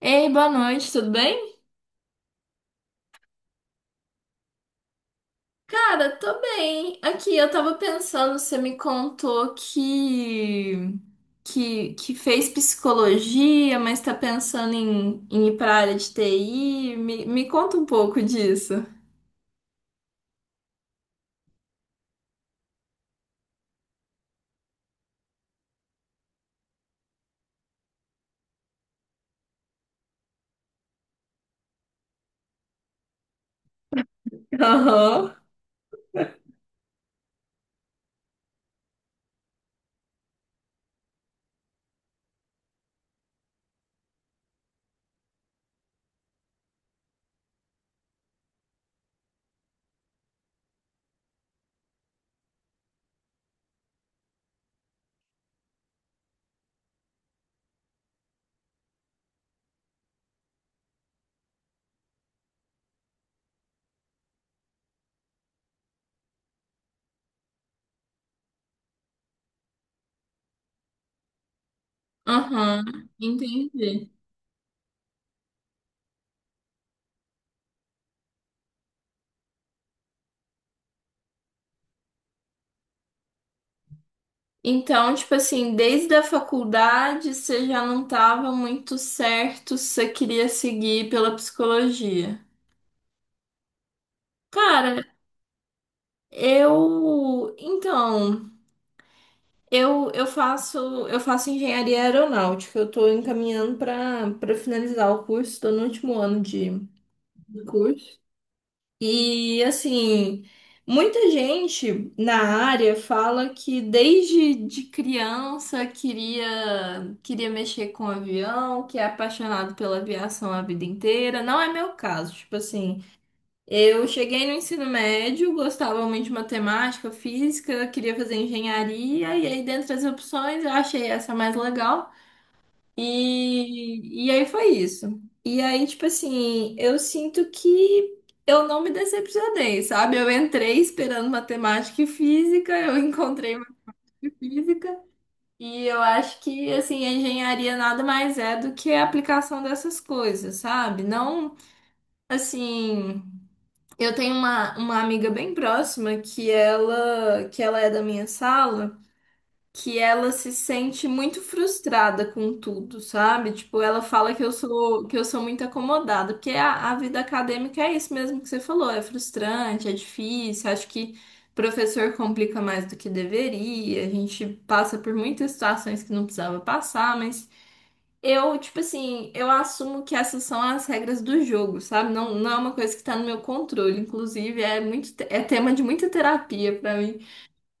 Ei, boa noite, tudo bem? Cara, tô bem. Aqui, eu tava pensando, você me contou que fez psicologia, mas tá pensando em ir pra área de TI. Me conta um pouco disso. Aham. Aham, entendi. Então, tipo assim, desde a faculdade você já não tava muito certo se você queria seguir pela psicologia. Cara, eu. Então. Eu, eu faço, eu faço engenharia aeronáutica. Eu estou encaminhando para finalizar o curso, estou no último ano de do curso. E assim, muita gente na área fala que desde de criança queria mexer com avião, que é apaixonado pela aviação a vida inteira. Não é meu caso, tipo assim, eu cheguei no ensino médio, gostava muito de matemática, física, queria fazer engenharia, e aí, dentre as opções, eu achei essa mais legal. E aí foi isso. E aí, tipo assim, eu sinto que eu não me decepcionei, sabe? Eu entrei esperando matemática e física, eu encontrei matemática e física, e eu acho que, assim, a engenharia nada mais é do que a aplicação dessas coisas, sabe? Não, assim. Eu tenho uma amiga bem próxima que ela é da minha sala, que ela se sente muito frustrada com tudo, sabe? Tipo, ela fala que eu sou muito acomodada, porque a vida acadêmica é isso mesmo que você falou, é frustrante, é difícil, acho que professor complica mais do que deveria, a gente passa por muitas situações que não precisava passar, mas eu, tipo assim, eu assumo que essas são as regras do jogo, sabe? Não, não é uma coisa que tá no meu controle. Inclusive, é muito, é tema de muita terapia pra mim.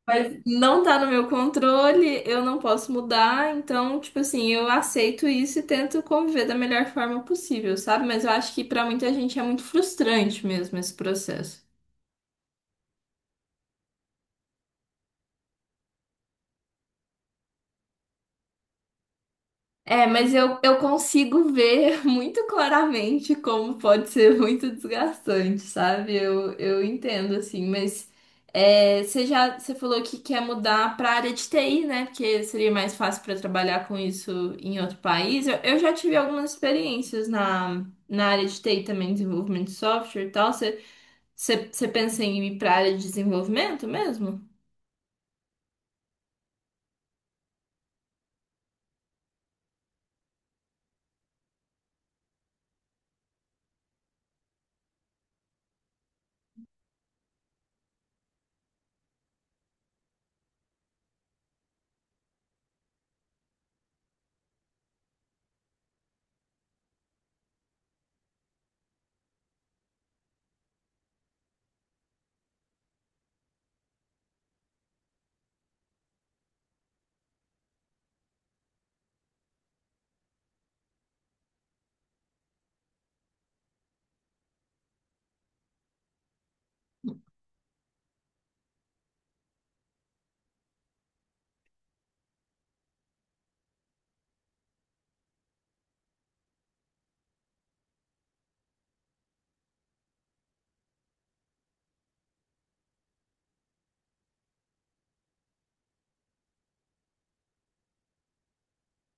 Mas não tá no meu controle, eu não posso mudar. Então, tipo assim, eu aceito isso e tento conviver da melhor forma possível, sabe? Mas eu acho que pra muita gente é muito frustrante mesmo esse processo. É, mas eu consigo ver muito claramente como pode ser muito desgastante, sabe? Eu entendo, assim, mas é, você falou que quer mudar para a área de TI, né? Porque seria mais fácil para trabalhar com isso em outro país. Eu já tive algumas experiências na área de TI também, desenvolvimento de software e tal. Você pensa em ir para a área de desenvolvimento mesmo?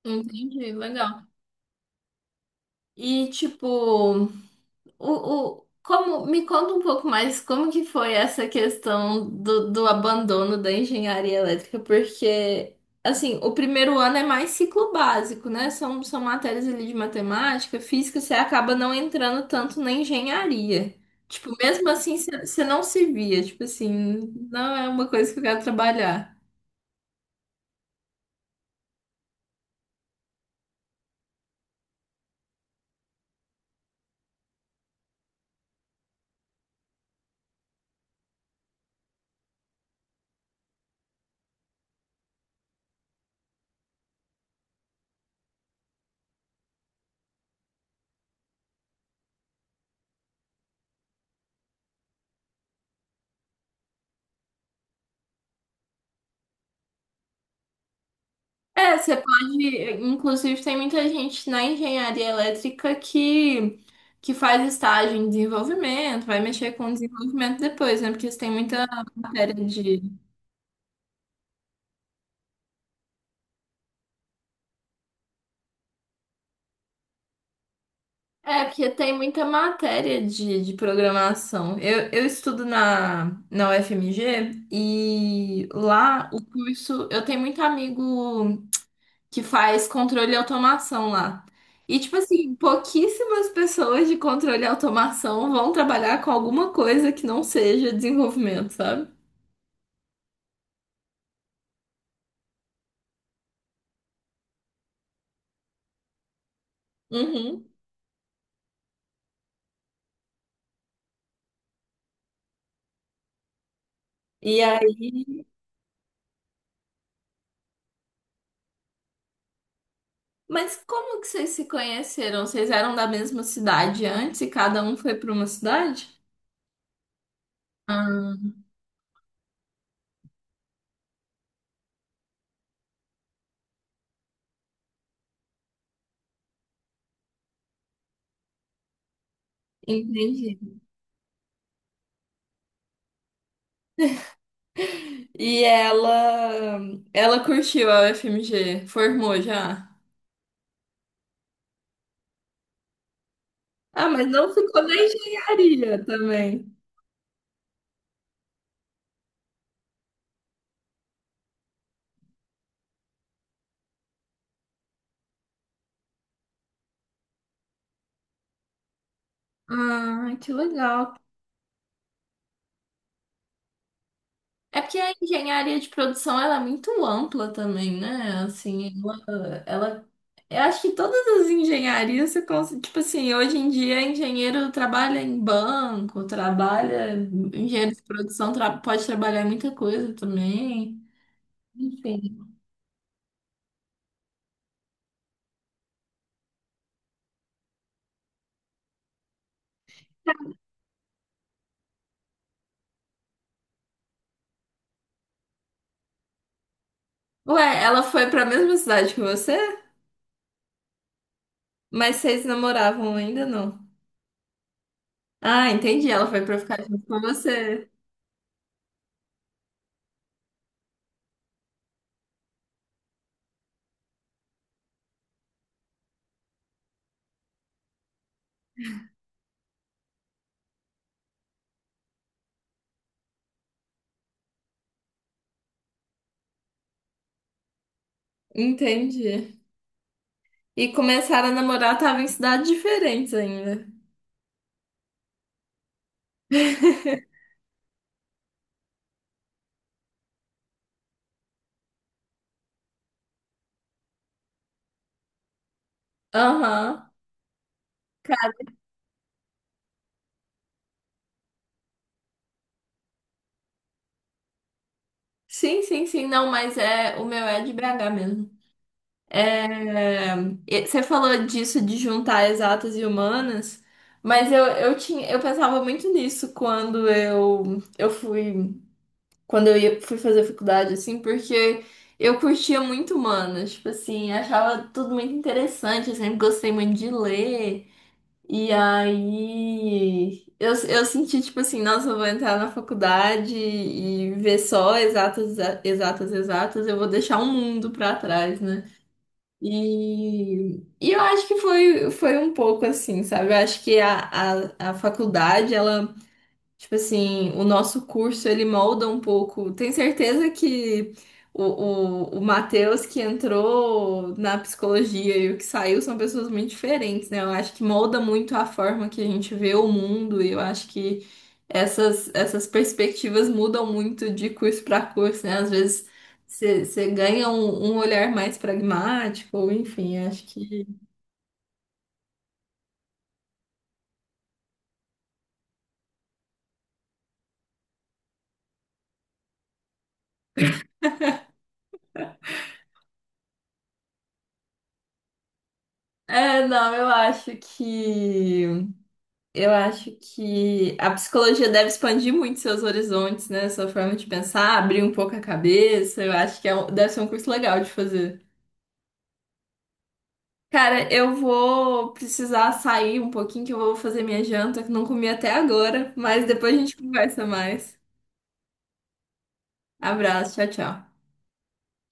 Entendi, legal. E tipo. O, me conta um pouco mais como que foi essa questão do abandono da engenharia elétrica, porque, assim, o primeiro ano é mais ciclo básico, né? São matérias ali de matemática, física, você acaba não entrando tanto na engenharia. Tipo, mesmo assim, você não se via, tipo assim, não é uma coisa que eu quero trabalhar. É, você pode. Inclusive, tem muita gente na engenharia elétrica que faz estágio em desenvolvimento, vai mexer com desenvolvimento depois, né? Porque você tem muita matéria de. É, porque tem muita matéria de programação. Eu estudo na UFMG e lá o curso. Eu tenho muito amigo que faz controle e automação lá. E, tipo assim, pouquíssimas pessoas de controle e automação vão trabalhar com alguma coisa que não seja desenvolvimento, sabe? Uhum. E aí? Mas como que vocês se conheceram? Vocês eram da mesma cidade antes e cada um foi para uma cidade? Ah, entendi. E ela curtiu a UFMG, formou já? Ah, mas não ficou na engenharia também. Ah, que legal. É porque a engenharia de produção ela é muito ampla também, né? Assim, ela, ela- eu acho que todas as engenharias você consegue, tipo assim, hoje em dia engenheiro trabalha em banco, trabalha, engenheiro de produção pode trabalhar em muita coisa também. Enfim. Ué, ela foi para a mesma cidade que você? Mas vocês namoravam ainda não? Ah, entendi. Ela foi para ficar junto com você. Entendi. E começaram a namorar, tava em cidades diferentes ainda. Aham. Sim, sim, sim. Não, mas é o meu é de BH mesmo. É, e você falou disso de juntar exatas e humanas, mas eu pensava muito nisso quando eu fui, quando eu ia, fui fazer faculdade, assim, porque eu curtia muito humanas, tipo assim, achava tudo muito interessante, eu sempre gostei muito de ler. E aí eu senti tipo assim, nossa, eu vou entrar na faculdade e ver só exatas, exatas, exatas, eu vou deixar o mundo pra trás, né? E eu acho que foi, foi um pouco assim, sabe? Eu acho que a faculdade, ela. Tipo assim, o nosso curso ele molda um pouco. Tenho certeza que o Matheus que entrou na psicologia e o que saiu são pessoas muito diferentes, né? Eu acho que molda muito a forma que a gente vê o mundo e eu acho que essas perspectivas mudam muito de curso para curso, né? Às vezes você ganha um, um olhar mais pragmático, ou enfim, acho que. É, não, eu acho que. Eu acho que a psicologia deve expandir muito seus horizontes, né? Sua forma de pensar, abrir um pouco a cabeça. Eu acho que é um- deve ser um curso legal de fazer. Cara, eu vou precisar sair um pouquinho, que eu vou fazer minha janta, que não comi até agora, mas depois a gente conversa mais. Abraço, tchau, tchau.